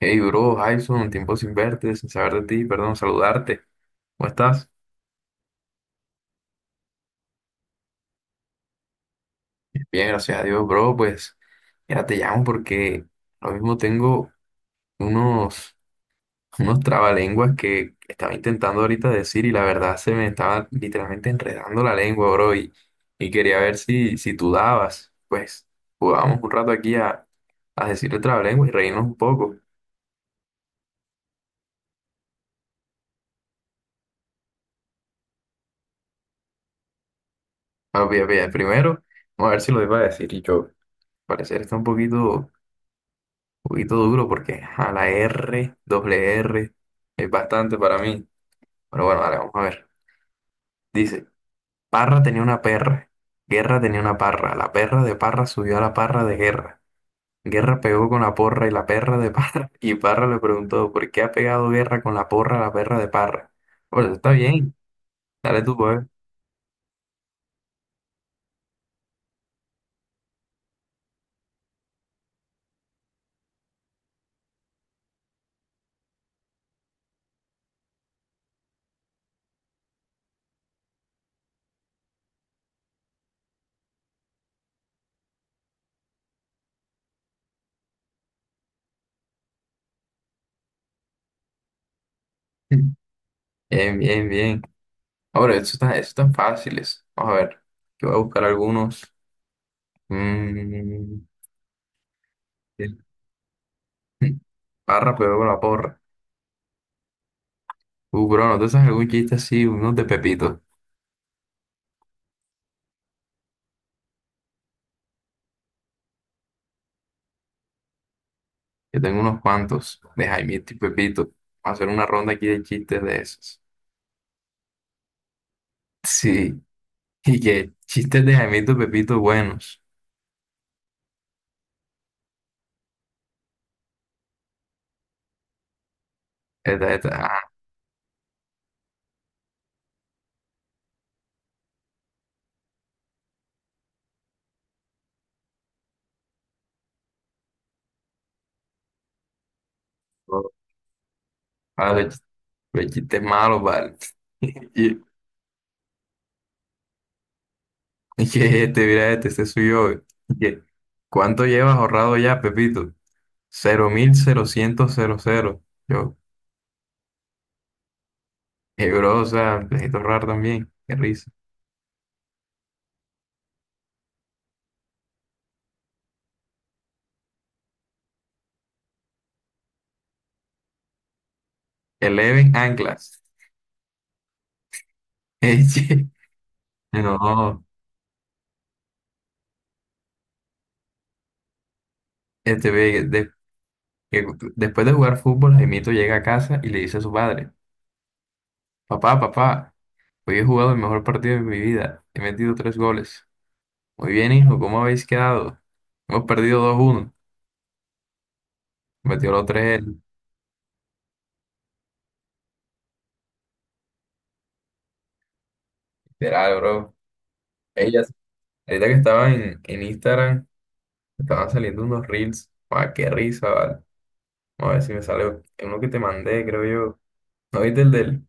Hey, bro, Jason, tiempo sin verte, sin saber de ti, perdón, saludarte. ¿Cómo estás? Bien, gracias a Dios, bro. Pues, mira, te llamo porque lo mismo tengo unos, unos trabalenguas que estaba intentando ahorita decir y la verdad se me estaba literalmente enredando la lengua, bro. Y quería ver si tú dabas. Pues, jugábamos un rato aquí a decir el trabalenguas y reírnos un poco. Bueno, pilla, pilla, primero, vamos a ver si lo iba a decir y yo. Al parecer está un poquito duro porque a la R, doble R, es bastante para mí. Pero bueno, vale, vamos a ver. Dice, Parra tenía una perra, Guerra tenía una parra, la perra de Parra subió a la parra de Guerra. Guerra pegó con la porra y la perra de Parra, y Parra le preguntó, ¿por qué ha pegado Guerra con la porra a la perra de Parra? Bueno, está bien, dale tú, pues. Bien, bien, bien. Ahora, eso están fáciles. Vamos a ver, yo voy a buscar algunos. Mm, bien. Parra pegó con la porra. Bro, ¿no te sabes algún chiste así? Unos de Pepito. Yo tengo unos cuantos de Jaimito y Pepito. Vamos a hacer una ronda aquí de chistes de esos. Sí, y que chistes de Jaimito y Pepito buenos. Esta, esta, ah, no. Ah, los chistes malos, vale. Y, y que este, mira este, este soy yo. Y que, ¿cuánto llevas ahorrado ya, Pepito? Cero mil cero cerocientos cero cero. Yo, bro, o sea, necesito ahorrar también. Qué risa. Eleven anclas. Che, no. Este, que después de jugar fútbol, Jaimito llega a casa y le dice a su padre, papá, papá, hoy he jugado el mejor partido de mi vida, he metido tres goles. Muy bien, hijo, ¿cómo habéis quedado? Hemos perdido 2-1, metió los tres él. Literal, bro. Ellas, ahorita que estaba en Instagram, estaban saliendo unos reels, ah, qué risa, vale. Vamos a ver si me sale uno que te mandé, creo yo. ¿No viste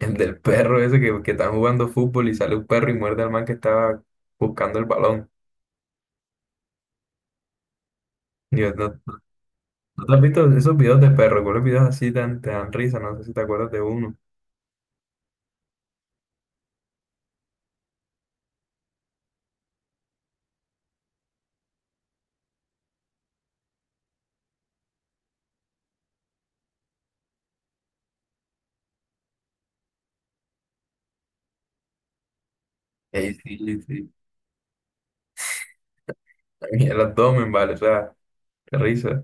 el del perro ese que están jugando fútbol y sale un perro y muerde al man que estaba buscando el balón? Dios, ¿no te has visto esos videos de perros? ¿Cuáles videos así tan, te dan risa? No sé si te acuerdas de uno. Ey, sí, sí. Y el abdomen, vale, o sea, qué risa.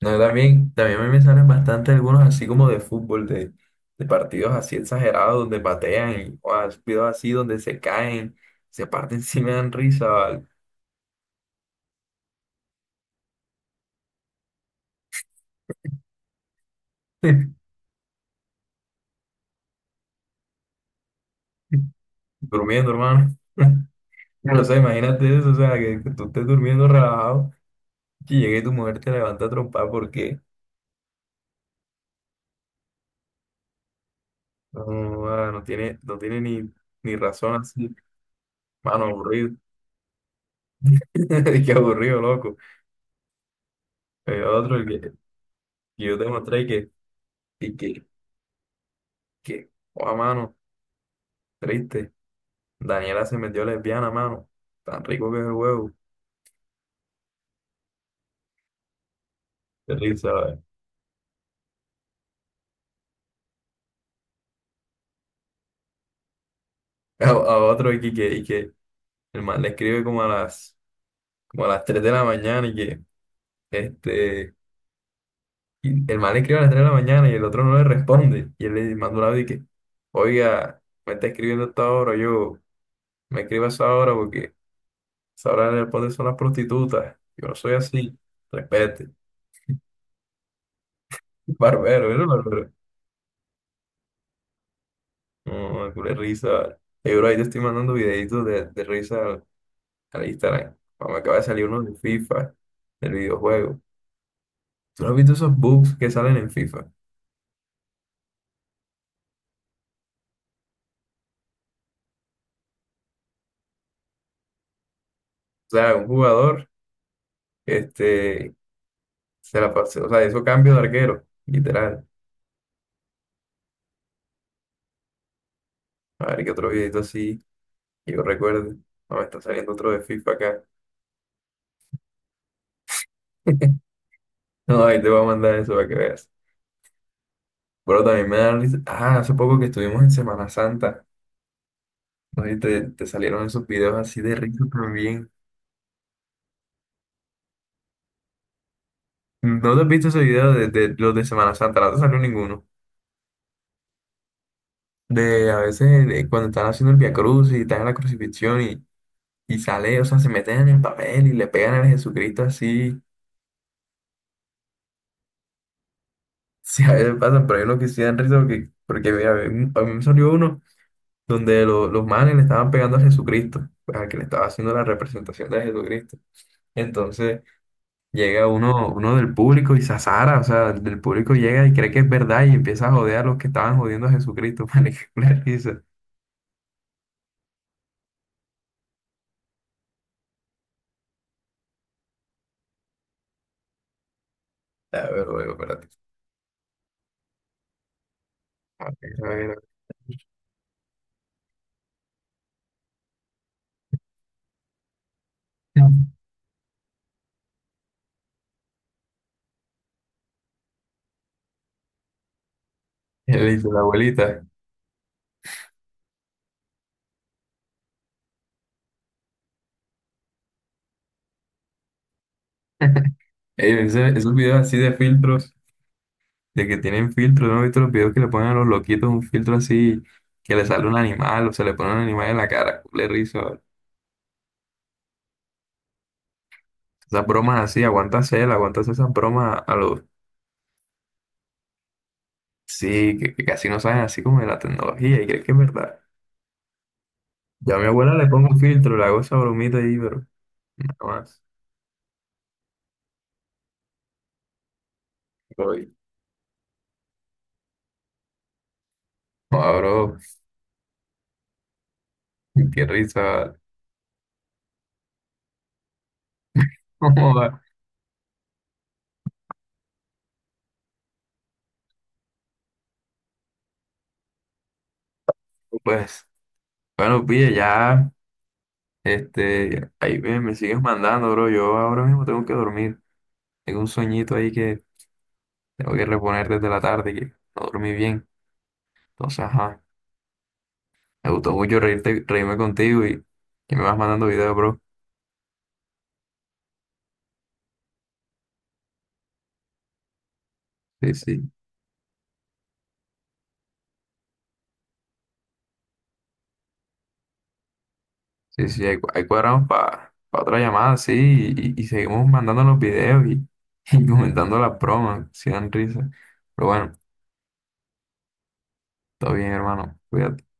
No, también a mí me salen bastante algunos así como de fútbol, de partidos así exagerados donde patean y o, videos así donde se caen, se parten, sí me dan risa, vale. Durmiendo, hermano. No sé, imagínate eso, o sea, que tú estés durmiendo relajado y llegue tu mujer te levanta a trompar porque no, ah, no tiene ni razón así. Mano, aburrido. Qué aburrido, loco. Otro el que yo te mostré que, y que, que, oh, mano, triste. Daniela se metió lesbiana, mano. Tan rico que es el huevo. Qué risa, ¿sabes? A otro y que el man le escribe como a las 3 de la mañana este, y el man le escribe a las 3 de la mañana y el otro no le responde. Y él le manda un audio y que, oiga, me está escribiendo hasta ahora, yo me escribo a esa hora porque sabrá le pones una prostituta. Yo no soy así. Respete. Barbero, ¿eres barbero? No, culé risa, vale. Ey, bro, ahí te estoy mandando videitos de risa al Instagram. Ah, me acaba de salir uno de FIFA, del videojuego. ¿Tú no has visto esos bugs que salen en FIFA? O sea, un jugador, este, se la pasó, o sea, hizo cambio de arquero, literal. A ver qué otro videito así, que yo recuerde. No, me está saliendo otro de FIFA acá. No, ahí te voy a mandar eso para que veas. Bueno también me da risa. Ah, hace poco que estuvimos en Semana Santa, ¿no? Y te salieron esos videos así de risa también. ¿No te has visto ese video de los de Semana Santa? No te salió ninguno. De a veces de cuando están haciendo el Via Cruz y están en la crucifixión y sale, o sea, se meten en el papel y le pegan a Jesucristo así. Sí, a veces pasan, pero hay unos que sí dan risa porque, porque mira, a mí me salió uno donde los manes le estaban pegando a Jesucristo, al que le estaba haciendo la representación de Jesucristo. Entonces, llega uno, uno del público y se azara, o sea, el del público llega y cree que es verdad y empieza a joder a los que estaban jodiendo a Jesucristo, marica, una risa. A ver, luego, espérate. A ver, a ver, a ver. ¿Qué le dice la abuelita? Ey, esos videos así de filtros, de que tienen filtros, ¿no he visto los videos que le ponen a los loquitos un filtro así, que le sale un animal o se le pone un animal en la cara? Le rizo. Esas bromas así, aguántasela, aguántasela esas bromas a los... Sí, que casi no saben así como de la tecnología y creen que es verdad. Yo a mi abuela le pongo un filtro, le hago esa bromita ahí, pero nada más. Voy. Joda, bro, qué risa. No joda. Pues, bueno, pille, ya, este, ahí me sigues mandando, bro. Yo ahora mismo tengo que dormir. Tengo un sueñito ahí que tengo que reponer desde la tarde, que no dormí bien. Entonces, ajá, me gustó mucho reírte, reírme contigo y que me vas mandando videos, bro. Sí, sí. Sí, sí, ahí, ahí cuadramos para otra llamada, sí, y seguimos mandando los videos y comentando las bromas, si dan risa. Pero bueno, todo bien, hermano. Cuídate.